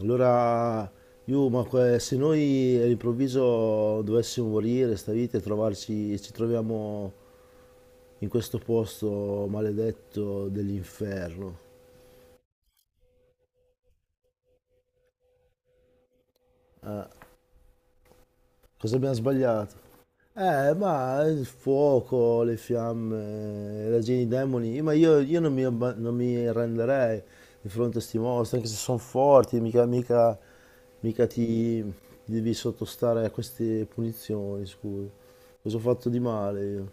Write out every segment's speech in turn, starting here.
Allora, io, ma se noi all'improvviso dovessimo morire sta vita e trovarci, ci troviamo in questo posto maledetto dell'inferno, cosa abbiamo sbagliato? Ma il fuoco, le fiamme, la gente, i demoni, ma io non mi arrenderei di fronte a sti mostri, anche se sono forti, mica, mica, mica ti devi sottostare a queste punizioni, scusa. Cosa ho fatto di male io?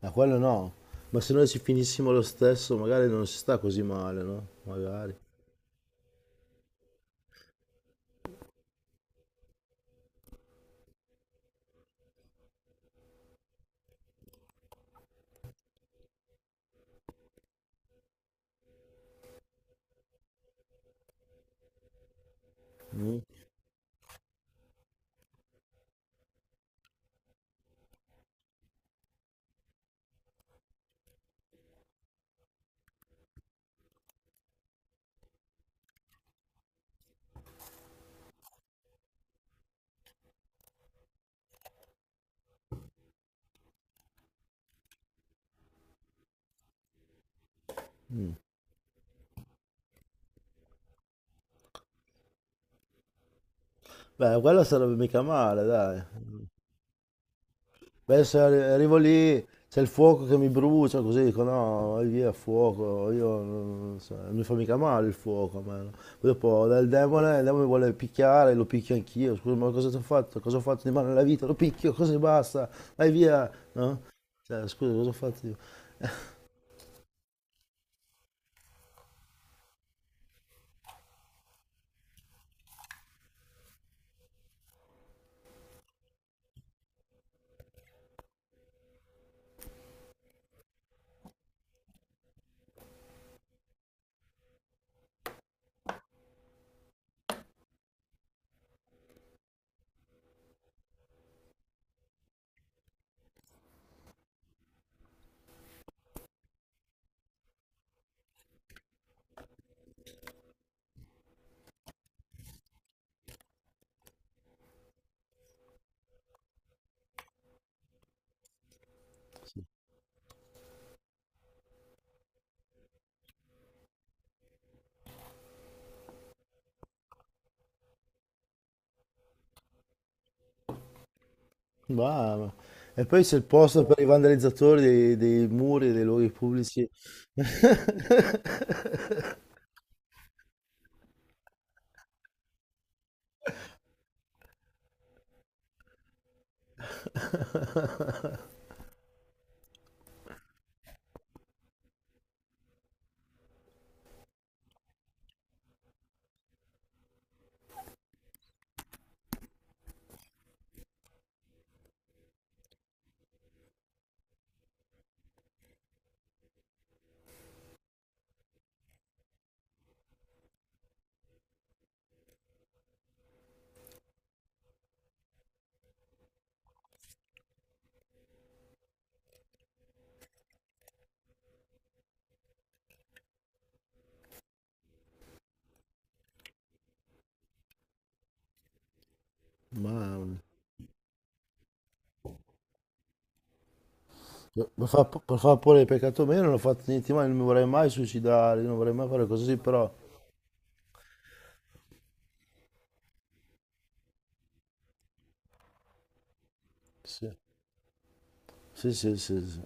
Ma quello no. Ma se noi ci finissimo lo stesso, magari non si sta così male, no? Magari. Mm. Beh, quello sarebbe mica male, dai. Beh, se arrivo lì, c'è il fuoco che mi brucia, così dico no, vai via, fuoco. Io non so, non mi fa mica male il fuoco a me, no? Poi dopo il demone mi vuole picchiare, lo picchio anch'io. Scusa, ma cosa ti ho fatto? Cosa ho fatto di male nella vita? Lo picchio, così basta, vai via, no? Cioè, scusa, cosa ho fatto io? Brava. E poi c'è il posto per i vandalizzatori dei muri e dei luoghi pubblici. Mamma. Per far pure il peccato meno non ho fatto niente, ma non mi vorrei mai suicidare, non vorrei mai fare cose così, però. Sì, sì, sì, sì, sì.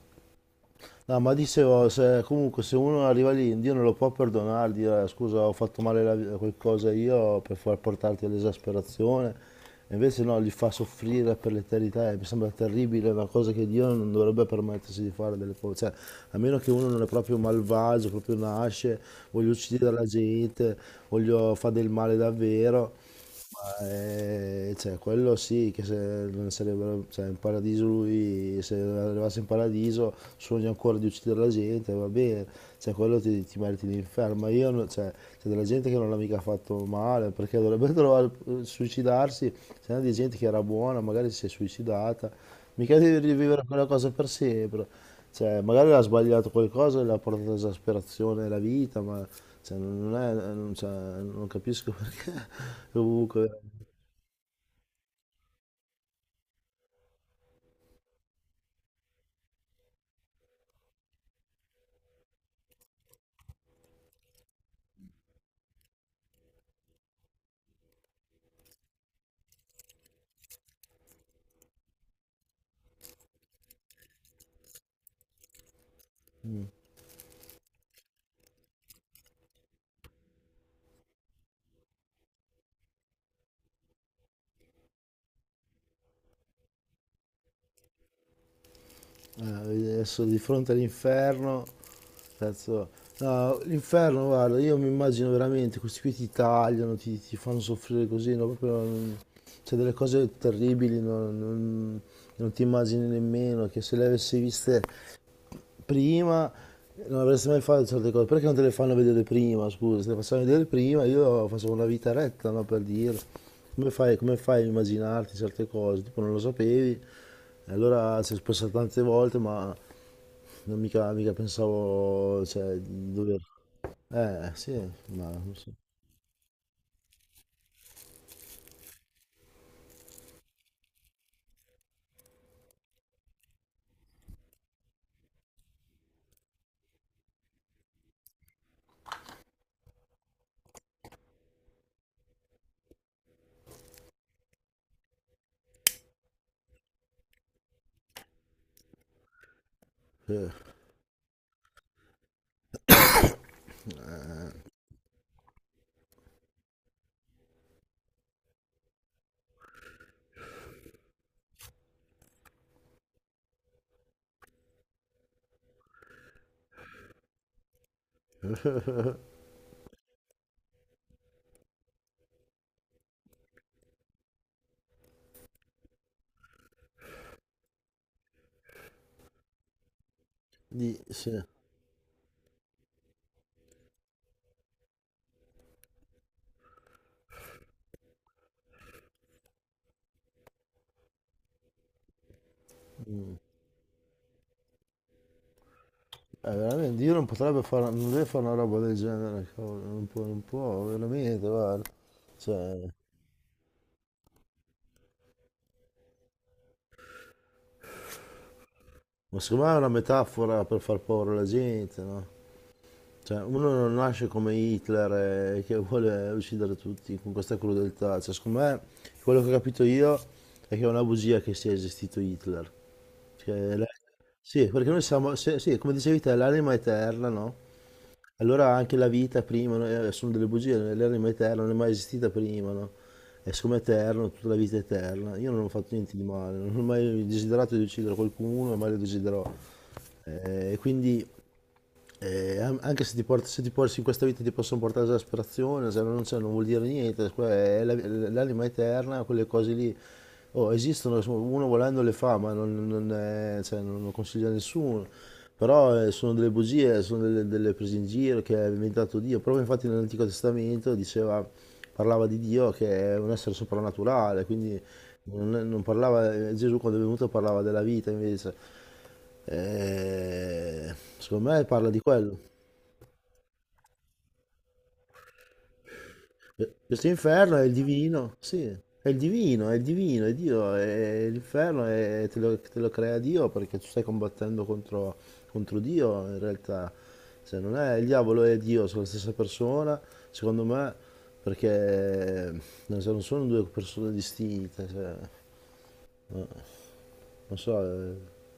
No, ma dicevo, comunque se uno arriva lì, Dio non lo può perdonare, dire scusa ho fatto male qualcosa io per far portarti all'esasperazione". E invece no, li fa soffrire per l'eternità, e mi sembra terribile, è una cosa che Dio non dovrebbe permettersi di fare delle cose, cioè a meno che uno non è proprio malvagio, proprio nasce, voglio uccidere la gente, voglio fare del male davvero. Ma, cioè, quello sì, che se non sarebbero, cioè, in paradiso lui, se arrivasse in paradiso, sogna ancora di uccidere la gente, va bene, cioè, quello ti meriti l'inferno, ma io, cioè, c'è della gente che non l'ha mica fatto male, perché dovrebbe trovare, suicidarsi, c'è di gente che era buona, magari si è suicidata, mica devi rivivere quella cosa per sempre. Cioè, magari ha sbagliato qualcosa e l'ha portato all'esasperazione la vita, ma cioè, non è, non, cioè, non capisco perché comunque adesso di fronte all'inferno, cazzo, no, l'inferno, guarda, io mi immagino veramente, questi qui ti tagliano, ti fanno soffrire così, no, proprio, cioè, delle cose terribili, no, non ti immagini nemmeno, che se le avessi viste prima non avresti mai fatto certe cose, perché non te le fanno vedere prima, scusa, se le facevano vedere prima io facevo una vita retta, no, per dire, come fai a immaginarti certe cose, tipo non lo sapevi, e allora ci è passato tante volte, ma non mica, mica pensavo, cioè, di dover. Sì, ma non so. Eh, sì. Veramente, Dio non potrebbe fare, non deve fare una roba del genere, cavolo, non può, non può, veramente, guarda, cioè. Ma secondo me è una metafora per far paura alla gente, no? Cioè, uno non nasce come Hitler che vuole uccidere tutti con questa crudeltà. Cioè, secondo me, quello che ho capito io è che è una bugia che sia esistito Hitler. Cioè, sì, perché noi siamo, sì, come dicevi te, l'anima eterna, no? Allora anche la vita prima, no, sono delle bugie, l'errore è eterno, non è mai esistita prima, no? E siccome è eterno, tutta la vita è eterna. Io non ho fatto niente di male, non ho mai desiderato di uccidere qualcuno e mai lo desiderò. E quindi anche se in questa vita ti possono portare all'asperazione, se non, c'è, non vuol dire niente, è l'anima eterna, quelle cose lì oh, esistono, insomma, uno volendo le fa, ma non, non è- cioè, non lo consiglia a nessuno. Però sono delle bugie, sono delle prese in giro che ha inventato Dio. Proprio infatti nell'Antico Testamento parlava di Dio che è un essere soprannaturale, quindi non parlava. Gesù quando è venuto parlava della vita invece. Secondo me parla di quello. Questo inferno è il divino, sì, è il divino, è il divino, è Dio, è l'inferno e te lo crea Dio perché tu stai combattendo contro, contro Dio in realtà. Se non è il diavolo e Dio, sono la stessa persona, secondo me, perché non so, non sono due persone distinte, cioè, non so.